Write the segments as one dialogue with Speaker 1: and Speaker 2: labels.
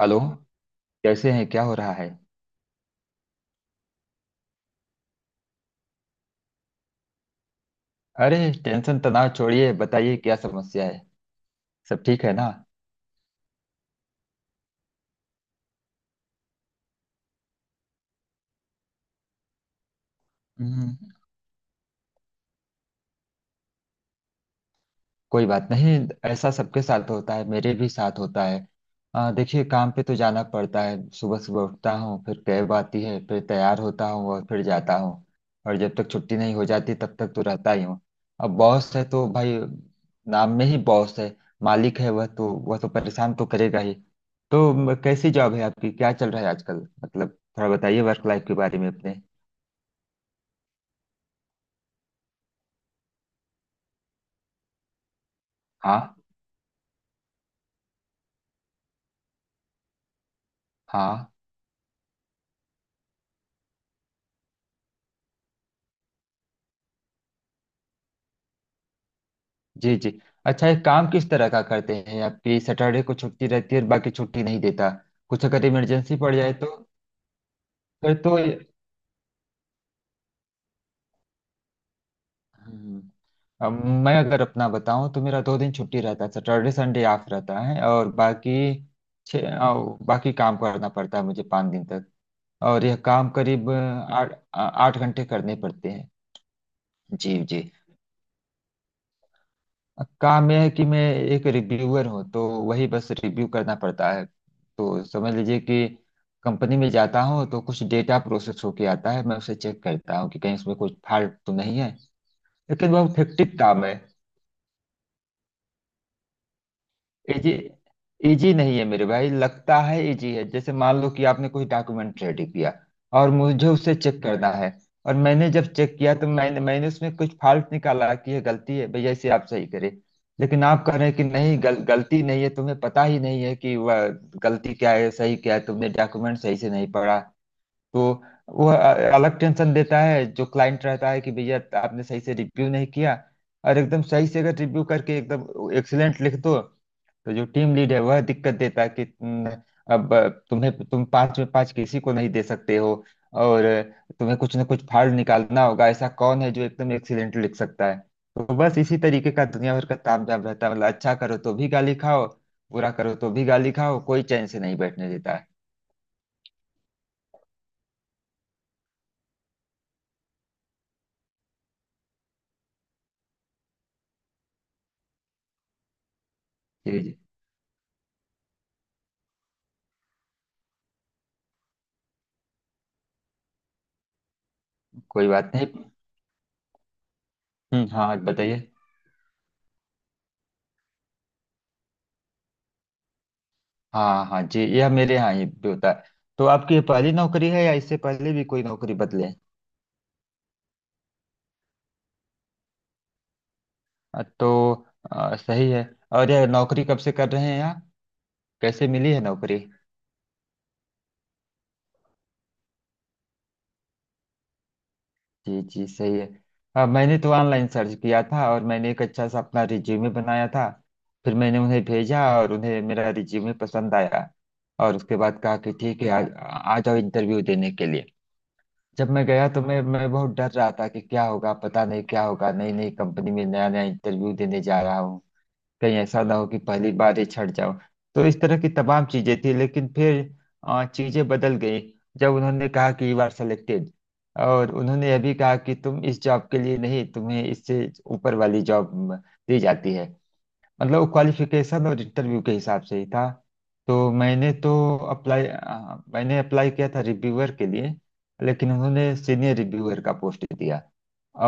Speaker 1: Hello. कैसे हैं? क्या हो रहा है? अरे, टेंशन तनाव छोड़िए, बताइए क्या समस्या है। सब ठीक है ना? हम्म। कोई बात नहीं, ऐसा सबके साथ होता है, मेरे भी साथ होता है। देखिए, काम पे तो जाना पड़ता है, सुबह सुबह उठता हूँ, फिर कैब आती है, फिर तैयार होता हूँ और फिर जाता हूँ। और जब तक छुट्टी नहीं हो जाती तब तक तो रहता ही हूँ। अब बॉस है तो भाई, नाम में ही बॉस है, मालिक है। वह तो परेशान तो करेगा ही। तो कैसी जॉब है आपकी, क्या चल रहा है आजकल? मतलब थोड़ा बताइए वर्क लाइफ के बारे में अपने। हाँ हाँ, जी जी। अच्छा, एक काम, किस तरह का करते हैं? आपकी सैटरडे को छुट्टी रहती है और बाकी छुट्टी नहीं देता, कुछ अगर इमरजेंसी पड़ जाए तो? फिर तो हम्म, अब मैं अगर अपना बताऊं तो मेरा 2 दिन छुट्टी रहता है, सैटरडे संडे ऑफ रहता है, और बाकी बाकी काम करना पड़ता है मुझे 5 दिन तक। और यह काम करीब आठ घंटे करने पड़ते हैं। जी जी। काम यह है कि मैं एक रिव्यूअर हूँ, तो वही बस रिव्यू करना पड़ता है। तो समझ लीजिए कि कंपनी में जाता हूँ तो कुछ डेटा प्रोसेस होके आता है, मैं उसे चेक करता हूँ कि कहीं उसमें कुछ फॉल्ट तो नहीं है। लेकिन बहुत हेक्टिक काम है। इजी? इजी नहीं है मेरे भाई, लगता है इजी है। जैसे मान लो कि आपने कोई डॉक्यूमेंट रेडी किया और मुझे उसे चेक करना है, और मैंने जब चेक किया तो मैंने मैंने उसमें कुछ फॉल्ट निकाला कि ये गलती है भैया, इसे आप सही करें। लेकिन आप कह रहे हैं कि नहीं, गलती नहीं है। तुम्हें पता ही नहीं है कि वह गलती क्या है, सही क्या है, तुमने डॉक्यूमेंट सही से नहीं पढ़ा। तो वह अलग टेंशन देता है, जो क्लाइंट रहता है कि भैया आपने सही से रिव्यू नहीं किया। और एकदम सही से अगर रिव्यू करके एकदम एक्सीलेंट लिख दो, तो जो टीम लीड है वह दिक्कत देता है कि तुम, अब तुम्हें, तुम पांच में पांच किसी को नहीं दे सकते हो, और तुम्हें कुछ ना कुछ फाड़ निकालना होगा। ऐसा कौन है जो एकदम एक्सीडेंट लिख सकता है? तो बस इसी तरीके का दुनिया भर का तामझाम रहता है, मतलब अच्छा करो तो भी गाली खाओ, बुरा करो तो भी गाली खाओ, कोई चैन से नहीं बैठने देता है। जी जी, कोई बात नहीं। हाँ, बताइए। हाँ हाँ जी, यह मेरे यहाँ ही भी होता है। तो आपकी ये पहली नौकरी है या इससे पहले भी कोई नौकरी बदले? तो सही है। और यह नौकरी कब से कर रहे हैं आप? कैसे मिली है नौकरी? जी जी, सही है। हाँ, मैंने तो ऑनलाइन सर्च किया था और मैंने एक अच्छा सा अपना रिज्यूमे बनाया था। फिर मैंने उन्हें भेजा और उन्हें मेरा रिज्यूमे पसंद आया, और उसके बाद कहा कि ठीक है, आज आ जाओ इंटरव्यू देने के लिए। जब मैं गया तो मैं बहुत डर रहा था कि क्या होगा, पता नहीं क्या होगा, नई नई कंपनी में नया नया इंटरव्यू देने जा रहा हूँ, कहीं ऐसा ना हो कि पहली बार ही छट जाओ। तो इस तरह की तमाम चीजें थी, लेकिन फिर चीजें बदल गई जब उन्होंने कहा कि यू आर सेलेक्टेड, और उन्होंने यह भी कहा कि तुम इस जॉब के लिए नहीं, तुम्हें इससे ऊपर वाली जॉब दी जाती है, मतलब वो क्वालिफिकेशन और इंटरव्यू के हिसाब से ही था। तो मैंने तो अप्लाई मैंने अप्लाई किया था रिव्यूअर के लिए, लेकिन उन्होंने सीनियर रिव्यूअर का पोस्ट दिया।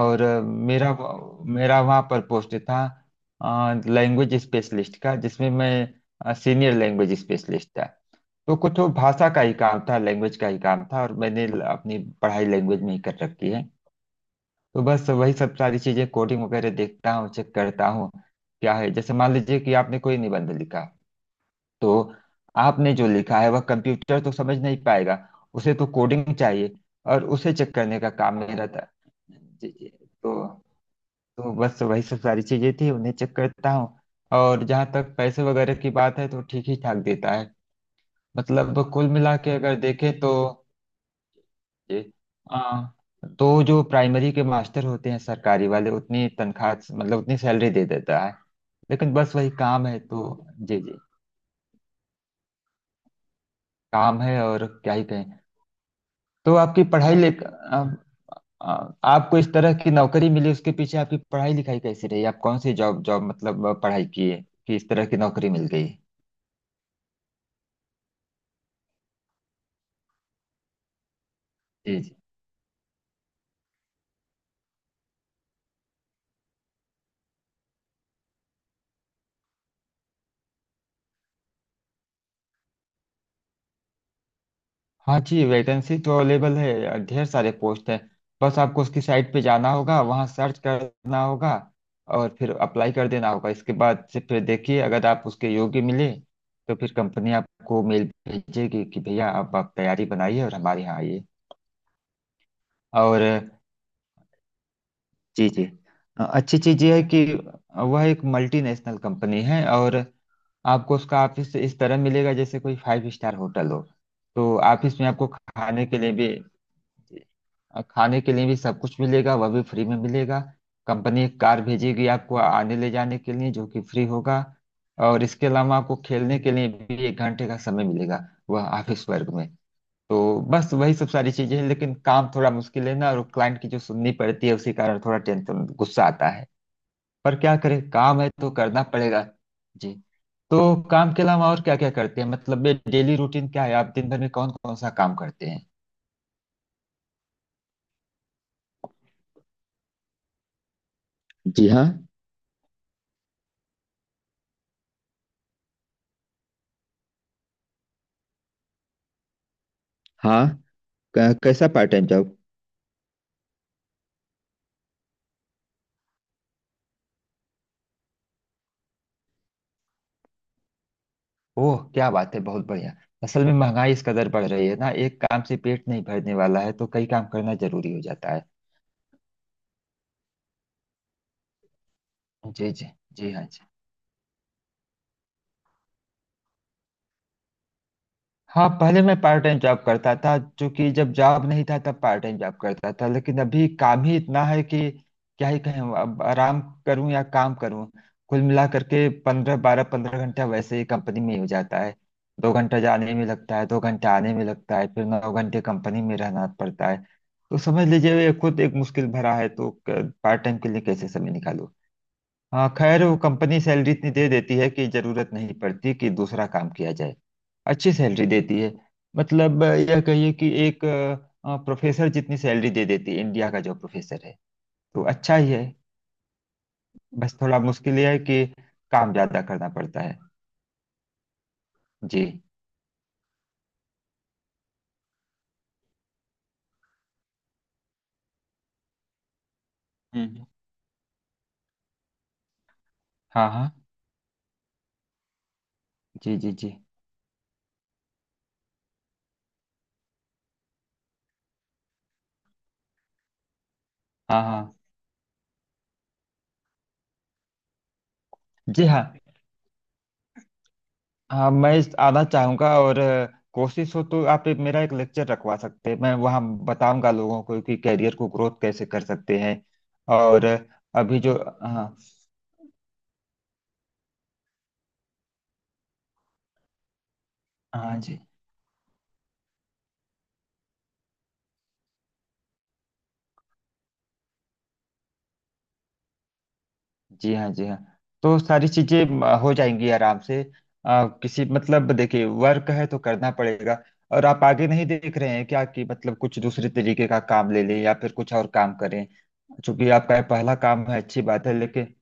Speaker 1: और मेरा वहाँ पर पोस्ट था लैंग्वेज स्पेशलिस्ट का, जिसमें मैं सीनियर लैंग्वेज स्पेशलिस्ट था। तो कुछ वो भाषा का ही काम था, लैंग्वेज का ही काम था, और मैंने अपनी पढ़ाई लैंग्वेज में ही कर रखी है। तो बस वही सब सारी चीजें, कोडिंग वगैरह देखता हूँ, चेक करता हूँ। क्या है, जैसे मान लीजिए कि आपने कोई निबंध लिखा, तो आपने जो लिखा है वह कंप्यूटर तो समझ नहीं पाएगा, उसे तो कोडिंग चाहिए, और उसे चेक करने का काम मेरा था। जी, जी। तो बस वही सब सारी चीजें थी, उन्हें चेक करता हूँ। और जहाँ तक पैसे वगैरह की बात है तो ठीक ही ठाक देता है, मतलब कुल मिला के अगर देखें तो। जी, हाँ। तो जो प्राइमरी के मास्टर होते हैं सरकारी वाले, उतनी तनख्वाह, मतलब उतनी सैलरी दे देता है। लेकिन बस वही काम है तो। जी जी। काम है, और क्या ही कहें। तो आपकी पढ़ाई ले आ, आ, आपको इस तरह की नौकरी मिली, उसके पीछे आपकी पढ़ाई लिखाई कैसी रही? आप कौन सी जॉब जॉब मतलब पढ़ाई किए कि इस तरह की नौकरी मिल गई? जी हाँ, जी, वैकेंसी तो अवेलेबल है, ढेर सारे पोस्ट हैं, बस आपको उसकी साइट पे जाना होगा, वहाँ सर्च करना होगा और फिर अप्लाई कर देना होगा। इसके बाद से फिर देखिए, अगर आप उसके योग्य मिले तो फिर कंपनी आपको मेल भेजेगी कि भैया आप तैयारी बनाइए और हमारे यहाँ आइए। और, जी जी, अच्छी चीज़ यह है कि वह एक मल्टीनेशनल कंपनी है, और आपको उसका ऑफिस इस तरह मिलेगा जैसे कोई फाइव स्टार होटल हो। तो ऑफिस में आपको खाने के लिए भी, जी, और खाने के लिए भी सब कुछ मिलेगा, वह भी फ्री में मिलेगा। कंपनी एक कार भेजेगी आपको आने ले जाने के लिए, जो कि फ्री होगा। और इसके अलावा आपको खेलने के लिए भी 1 घंटे का समय मिलेगा, वह ऑफिस वर्ग में। तो बस वही सब सारी चीजें हैं, लेकिन काम थोड़ा मुश्किल है ना, और क्लाइंट की जो सुननी पड़ती है उसी कारण थोड़ा टेंशन, गुस्सा आता है। पर क्या करें, काम है तो करना पड़ेगा। जी। तो काम के अलावा और क्या क्या करते हैं, मतलब ये डेली रूटीन क्या है, आप दिन भर में कौन कौन सा काम करते हैं? जी हाँ। हाँ, कैसा पार्ट टाइम जॉब? ओह, क्या बात है, बहुत बढ़िया। असल में महंगाई इस कदर बढ़ रही है ना, एक काम से पेट नहीं भरने वाला है, तो कई काम करना जरूरी हो जाता है। जी जी, जी हाँ, जी हाँ। पहले मैं पार्ट टाइम जॉब करता था, जो कि जब जॉब नहीं था तब पार्ट टाइम जॉब करता था, लेकिन अभी काम ही इतना है कि क्या ही कहें, अब आराम करूं या काम करूं। कुल मिला करके पंद्रह 12-15 घंटा वैसे ही कंपनी में ही हो जाता है, 2 घंटा जाने में लगता है, 2 घंटा आने में लगता है, फिर 9 घंटे कंपनी में रहना पड़ता है। तो समझ लीजिए ये खुद एक मुश्किल भरा है, तो पार्ट टाइम के लिए कैसे समय निकालूं। हाँ खैर, वो कंपनी सैलरी इतनी दे देती है कि जरूरत नहीं पड़ती कि दूसरा काम किया जाए, अच्छी सैलरी देती है। मतलब यह कहिए कि एक प्रोफेसर जितनी सैलरी दे देती है, इंडिया का जो प्रोफेसर है, तो अच्छा ही है। बस थोड़ा मुश्किल यह है कि काम ज्यादा करना पड़ता है। जी। हम्म, हाँ हाँ, जी जी, जी हाँ, हाँ जी हाँ। हाँ, मैं आना चाहूंगा और कोशिश हो तो आप एक मेरा एक लेक्चर रखवा सकते हैं, मैं वहाँ बताऊंगा लोगों को कि कैरियर को ग्रोथ कैसे कर सकते हैं। और अभी जो हाँ हाँ, जी जी, हाँ जी हाँ, तो सारी चीजें हो जाएंगी आराम से। किसी मतलब देखिए, वर्क है तो करना पड़ेगा। और आप आगे नहीं देख रहे हैं क्या, कि मतलब कुछ दूसरे तरीके का काम ले लें या फिर कुछ और काम करें? चूंकि आपका ये पहला काम है, अच्छी बात है लेकिन।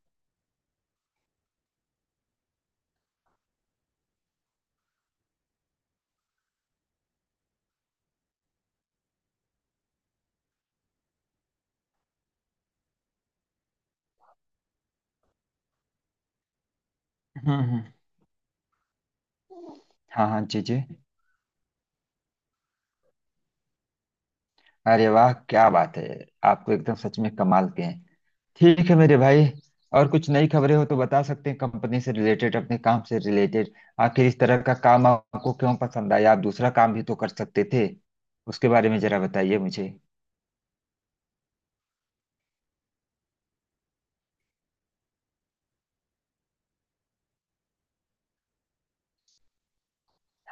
Speaker 1: हम्म, हम्म। हाँ हाँ, जी जी। अरे वाह, क्या बात है, आप तो एकदम सच में कमाल के हैं। ठीक है मेरे भाई, और कुछ नई खबरें हो तो बता सकते हैं, कंपनी से रिलेटेड, अपने काम से रिलेटेड। आखिर इस तरह का काम आपको क्यों पसंद आया? आप दूसरा काम भी तो कर सकते थे, उसके बारे में जरा बताइए मुझे।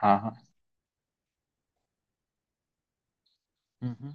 Speaker 1: हाँ हाँ। हम्म।